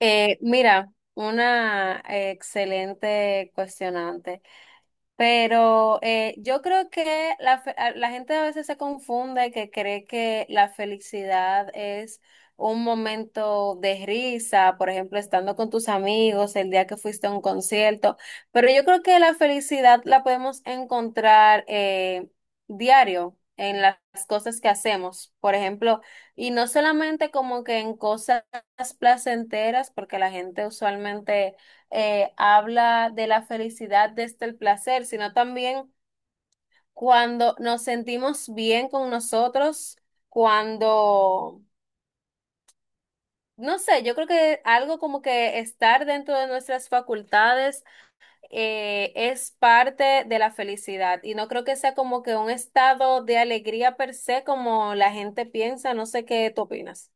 Mira, una Excelente cuestionante. Yo creo que la gente a veces se confunde que cree que la felicidad es un momento de risa, por ejemplo, estando con tus amigos, el día que fuiste a un concierto, pero yo creo que la felicidad la podemos encontrar diario en las cosas que hacemos, por ejemplo, y no solamente como que en cosas placenteras, porque la gente usualmente habla de la felicidad desde el placer, sino también cuando nos sentimos bien con nosotros, cuando, no sé, yo creo que algo como que estar dentro de nuestras facultades es parte de la felicidad y no creo que sea como que un estado de alegría per se como la gente piensa. No sé qué tú opinas.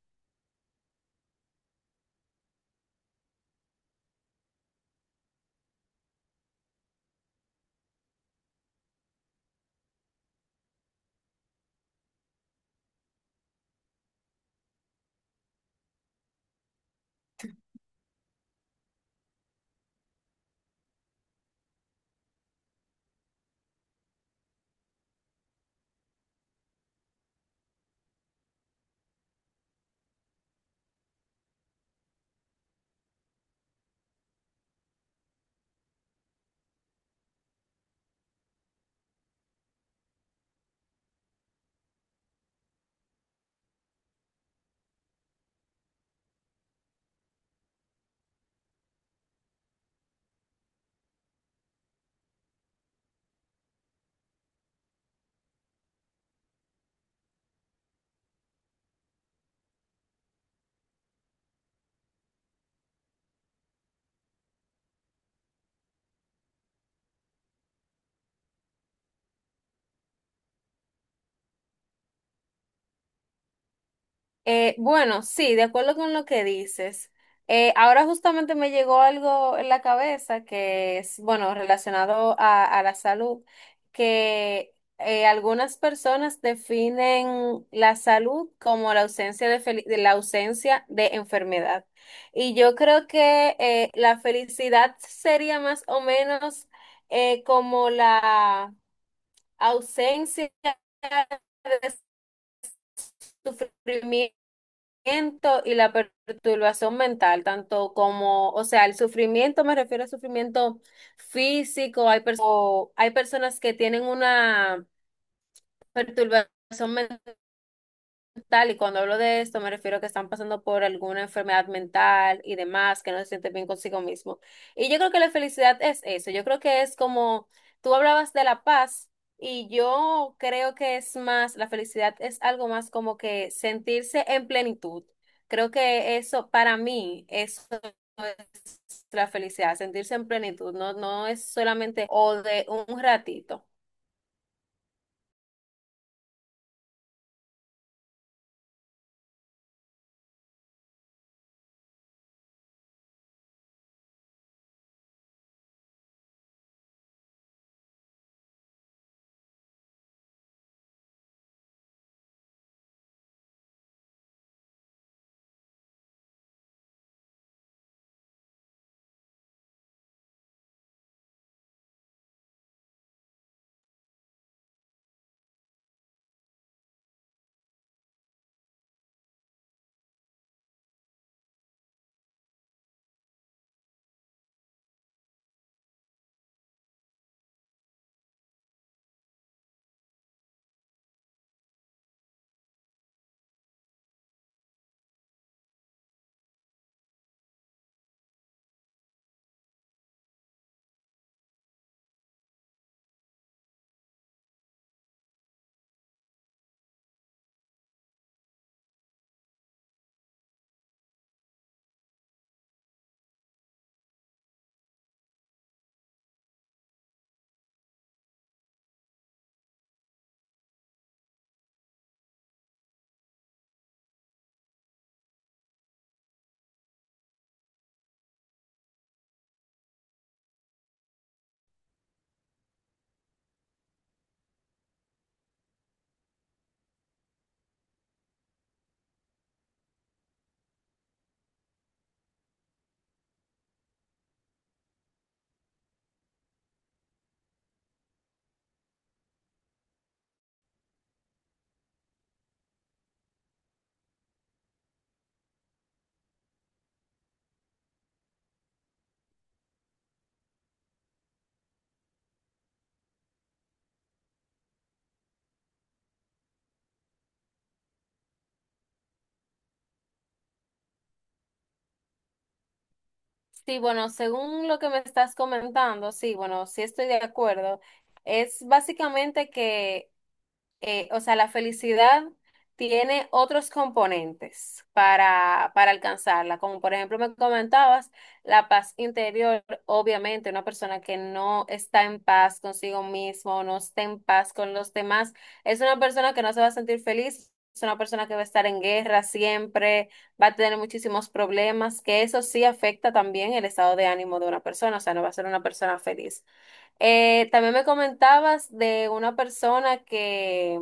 Bueno, sí, de acuerdo con lo que dices. Ahora justamente me llegó algo en la cabeza que es, bueno, relacionado a la salud, que algunas personas definen la salud como la ausencia de la ausencia de enfermedad. Y yo creo que la felicidad sería más o menos como la ausencia de sufrimiento sufrimiento y la perturbación mental, tanto como, o sea, el sufrimiento, me refiero a sufrimiento físico. Hay personas que tienen una perturbación mental tal, y cuando hablo de esto, me refiero a que están pasando por alguna enfermedad mental y demás, que no se sienten bien consigo mismo. Y yo creo que la felicidad es eso. Yo creo que es como tú hablabas de la paz, y yo creo que es más, la felicidad es algo más como que sentirse en plenitud. Creo que eso, para mí, eso es la felicidad, sentirse en plenitud. No, no es solamente o de un ratito. Sí, bueno, según lo que me estás comentando, sí, bueno, sí estoy de acuerdo. Es básicamente que o sea, la felicidad tiene otros componentes para alcanzarla, como por ejemplo me comentabas, la paz interior. Obviamente una persona que no está en paz consigo mismo, no está en paz con los demás, es una persona que no se va a sentir feliz. Es una persona que va a estar en guerra siempre, va a tener muchísimos problemas, que eso sí afecta también el estado de ánimo de una persona, o sea, no va a ser una persona feliz. También me comentabas de una persona que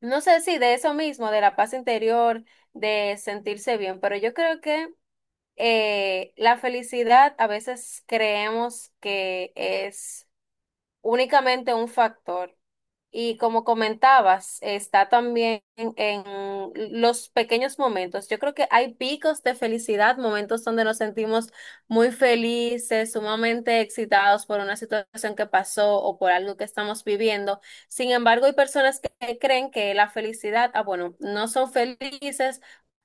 no sé si de eso mismo, de la paz interior, de sentirse bien, pero yo creo que la felicidad a veces creemos que es únicamente un factor y, como comentabas, está también en los pequeños momentos. Yo creo que hay picos de felicidad, momentos donde nos sentimos muy felices, sumamente excitados por una situación que pasó o por algo que estamos viviendo. Sin embargo, hay personas que creen que la felicidad, ah, bueno, no son felices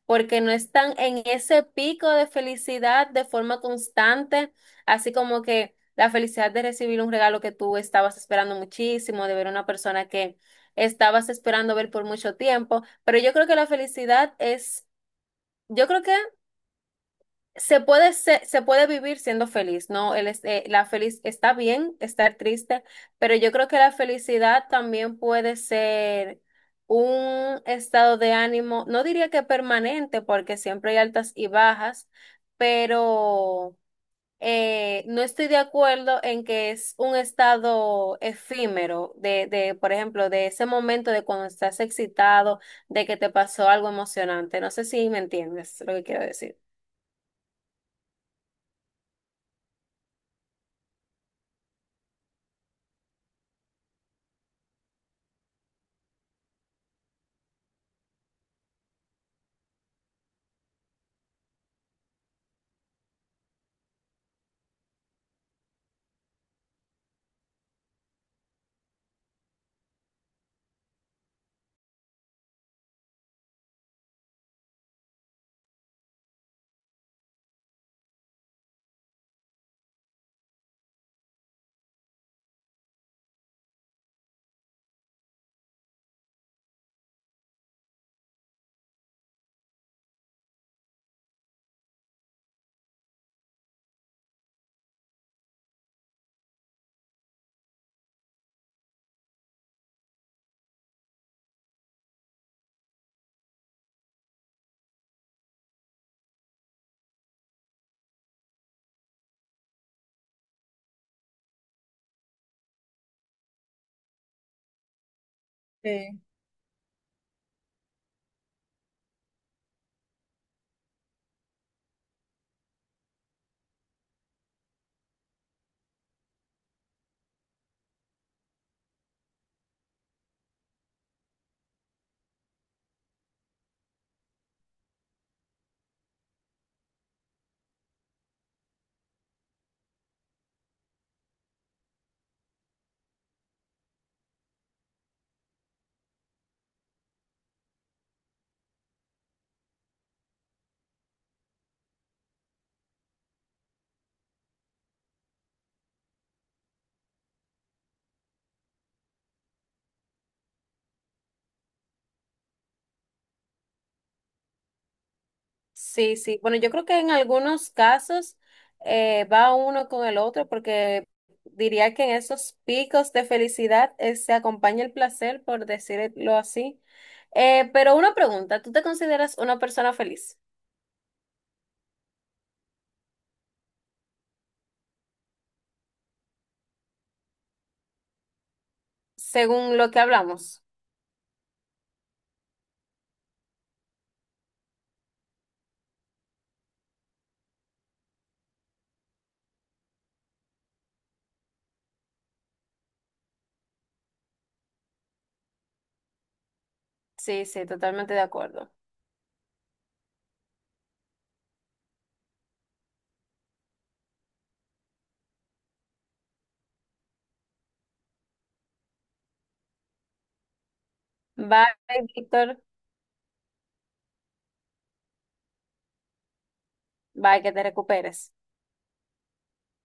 porque no están en ese pico de felicidad de forma constante, así como que... la felicidad de recibir un regalo que tú estabas esperando muchísimo, de ver a una persona que estabas esperando ver por mucho tiempo. Pero yo creo que la felicidad es, yo creo que se puede vivir siendo feliz, ¿no? La feliz está bien estar triste, pero yo creo que la felicidad también puede ser un estado de ánimo, no diría que permanente, porque siempre hay altas y bajas, pero no estoy de acuerdo en que es un estado efímero por ejemplo, de ese momento de cuando estás excitado, de que te pasó algo emocionante. No sé si me entiendes lo que quiero decir. Sí, sí. Bueno, yo creo que en algunos casos va uno con el otro porque diría que en esos picos de felicidad se acompaña el placer, por decirlo así. Pero una pregunta, ¿tú te consideras una persona feliz según lo que hablamos? Sí, sí, totalmente de acuerdo. Bye, Víctor. Bye, que te recuperes.